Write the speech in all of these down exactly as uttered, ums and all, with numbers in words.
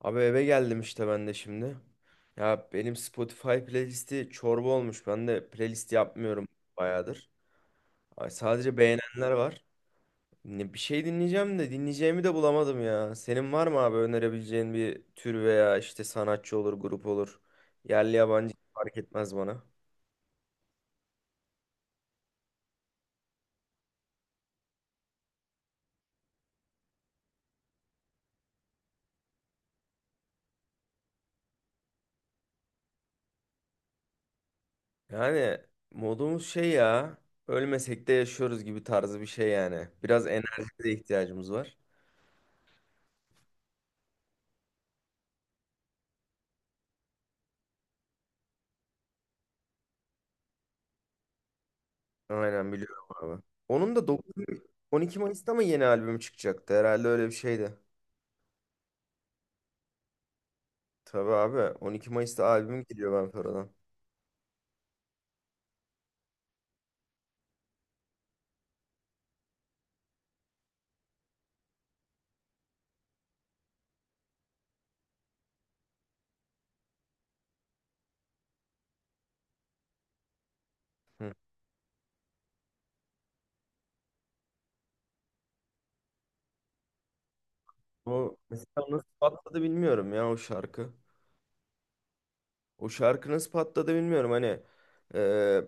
Abi eve geldim işte ben de şimdi. Ya benim Spotify playlisti çorba olmuş. Ben de playlist yapmıyorum bayağıdır. Ay, sadece beğenenler var. Ne, bir şey dinleyeceğim de dinleyeceğimi de bulamadım ya. Senin var mı abi önerebileceğin bir tür veya işte sanatçı olur, grup olur. Yerli yabancı fark etmez bana. Yani modumuz şey ya. Ölmesek de yaşıyoruz gibi tarzı bir şey yani. Biraz enerjiye de ihtiyacımız var. Aynen biliyorum abi. Onun da dokuz, on iki Mayıs'ta mı yeni albüm çıkacaktı? Herhalde öyle bir şeydi. Tabii abi on iki Mayıs'ta albüm geliyor ben Fera'dan. Hı. O mesela nasıl patladı bilmiyorum ya o şarkı. O şarkı nasıl patladı bilmiyorum. Hani e,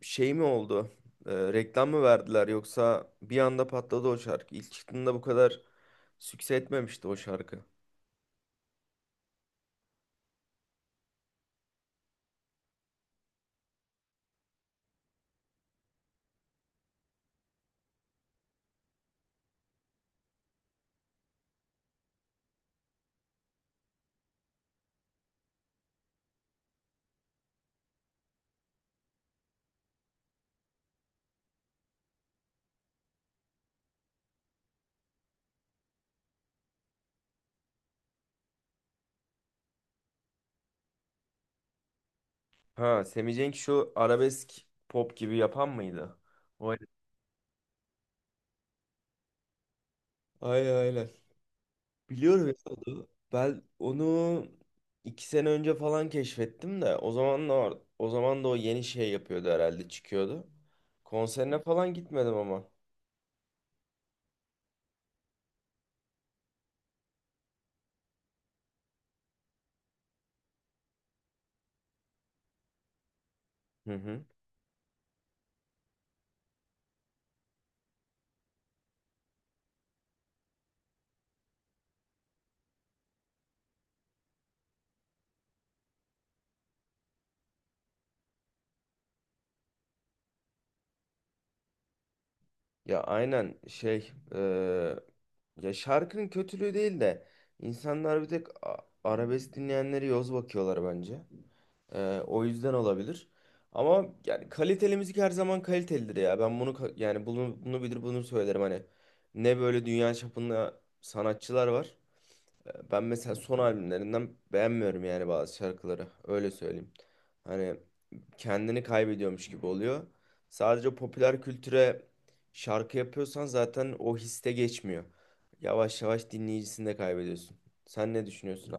şey mi oldu? E, reklam mı verdiler yoksa bir anda patladı o şarkı. İlk çıktığında bu kadar sükse etmemişti o şarkı. Ha, Semih Cenk şu arabesk pop gibi yapan mıydı? O Aynen, aynen. Biliyorum ya onu. Ben onu iki sene önce falan keşfettim de o zaman da var- o zaman da o yeni şey yapıyordu herhalde çıkıyordu. Konserine falan gitmedim ama. Hı hı. Ya aynen şey eee, ya şarkının kötülüğü değil de insanlar bir tek a- arabesk dinleyenleri yoz bakıyorlar bence. Ee, o yüzden olabilir. Ama yani kaliteli müzik her zaman kalitelidir ya. Ben bunu ka- yani bunu bunu bilir bunu söylerim hani. Ne böyle dünya çapında sanatçılar var. Ee, Ben mesela son albümlerinden beğenmiyorum yani bazı şarkıları. Öyle söyleyeyim. Hani kendini kaybediyormuş gibi oluyor. Sadece popüler kültüre şarkı yapıyorsan zaten o histe geçmiyor. Yavaş yavaş dinleyicisini de kaybediyorsun. Sen ne düşünüyorsun?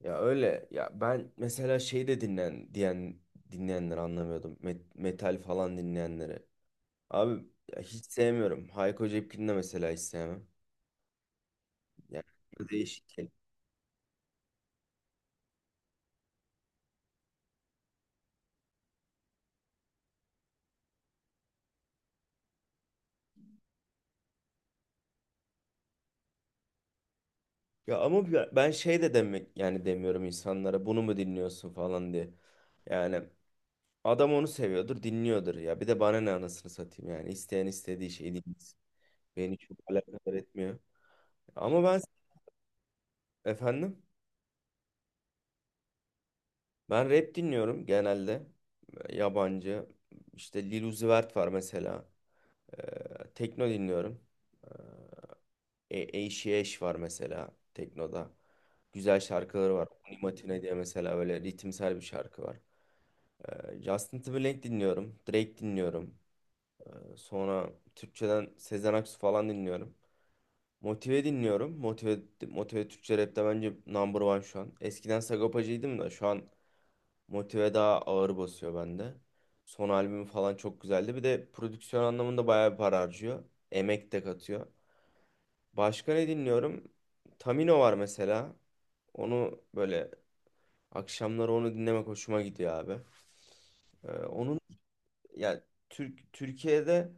Ya öyle ya ben mesela şey de dinlen diyen dinleyenleri anlamıyordum. Met- metal falan dinleyenleri. Abi ya hiç sevmiyorum. Hayko Cepkin'i de mesela hiç sevmem. Yani bu değişik. Şey. Ya ama bi- ben şey de demek yani demiyorum insanlara bunu mu dinliyorsun falan diye. Yani adam onu seviyordur, dinliyordur ya. Bir de bana ne anasını satayım yani. İsteyen istediği şeyi dinlesin. Beni çok alakadar etmiyor. Ama ben, efendim? Ben rap dinliyorum genelde. E, Yabancı. İşte Lil Uzi Vert var mesela. E, tekno dinliyorum. E, Eşi Eş var mesela teknoda. Güzel şarkıları var. Unimatine diye mesela böyle ritimsel bir şarkı var. E, Justin Timberlake dinliyorum. Drake dinliyorum. E, sonra Türkçeden Sezen Aksu falan dinliyorum. Motive dinliyorum. Motive, Motive Türkçe rapte bence number one şu an. Eskiden Sagopacı'ydım da şu an Motive daha ağır basıyor bende. Son albüm falan çok güzeldi. Bir de prodüksiyon anlamında bayağı bir para harcıyor. Emek de katıyor. Başka ne dinliyorum? Tamino var mesela. Onu böyle akşamları onu dinlemek hoşuma gidiyor abi. Ee, onun yani Türk Türkiye'de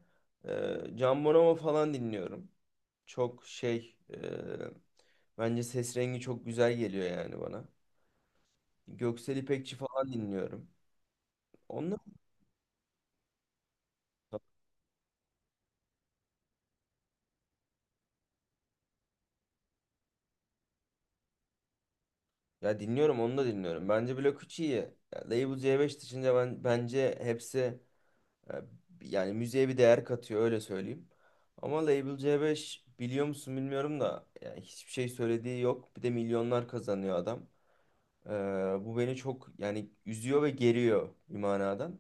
e, Can Bonomo falan dinliyorum. Çok şey e, bence ses rengi çok güzel geliyor yani bana. Göksel İpekçi falan dinliyorum. Onlar Ya dinliyorum onu da dinliyorum. Bence Blok üç iyi. Ya Label C beş dışında ben bence hepsi e, yani müziğe bir değer katıyor öyle söyleyeyim. Ama Label C beş biliyor musun bilmiyorum da yani hiçbir şey söylediği yok. Bir de milyonlar kazanıyor adam. Ee, Bu beni çok yani üzüyor ve geriyor bir manadan.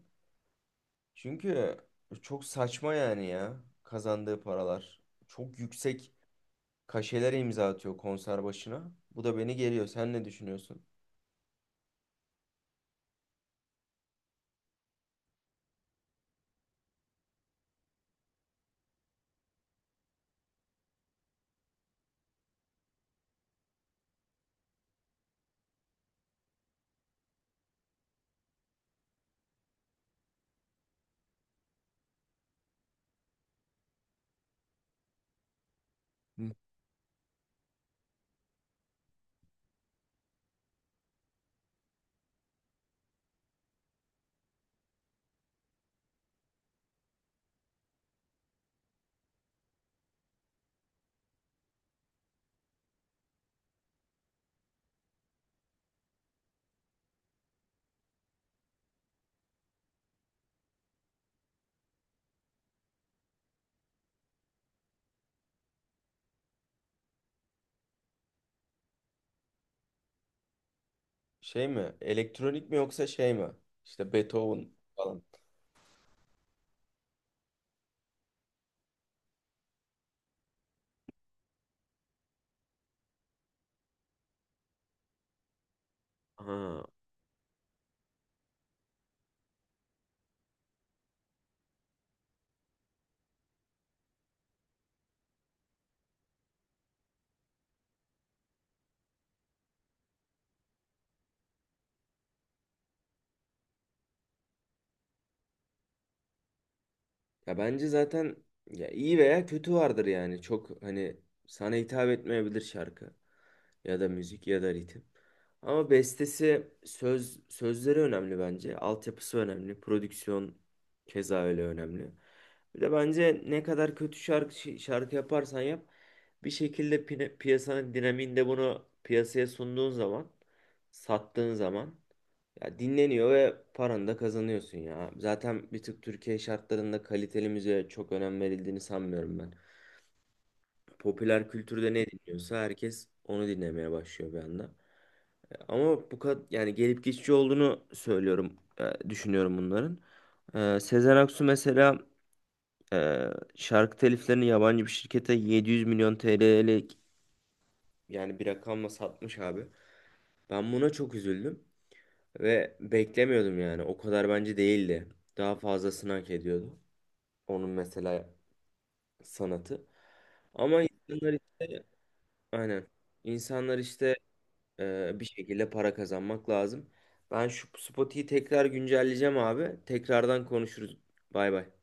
Çünkü çok saçma yani ya kazandığı paralar. Çok yüksek kaşelere imza atıyor konser başına. Bu da beni geriyor. Sen ne düşünüyorsun? Şey mi? Elektronik mi yoksa şey mi? İşte Beethoven falan. Ha. Ya bence zaten ya iyi veya kötü vardır yani. Çok hani sana hitap etmeyebilir şarkı ya da müzik ya da ritim. Ama bestesi söz sözleri önemli bence. Altyapısı önemli. Prodüksiyon keza öyle önemli. Bir de bence ne kadar kötü şarkı şarkı yaparsan yap bir şekilde pine- piyasanın dinamiğinde bunu piyasaya sunduğun zaman sattığın zaman ya dinleniyor ve paranı da kazanıyorsun ya. Zaten bir tık Türkiye şartlarında kaliteli müziğe çok önem verildiğini sanmıyorum ben. Popüler kültürde ne dinliyorsa herkes onu dinlemeye başlıyor bir anda. Ama bu kadar yani gelip geçici olduğunu söylüyorum, e, düşünüyorum bunların. E, Sezen Aksu mesela e, şarkı teliflerini yabancı bir şirkete yedi yüz milyon T L'lik yani bir rakamla satmış abi. Ben buna çok üzüldüm. Ve beklemiyordum yani. O kadar bence değildi. Daha fazlasını hak ediyordu. Onun mesela sanatı. Ama insanlar işte aynen. İnsanlar işte e, bir şekilde para kazanmak lazım. Ben şu Spotify'yi tekrar güncelleyeceğim abi. Tekrardan konuşuruz. Bay bay.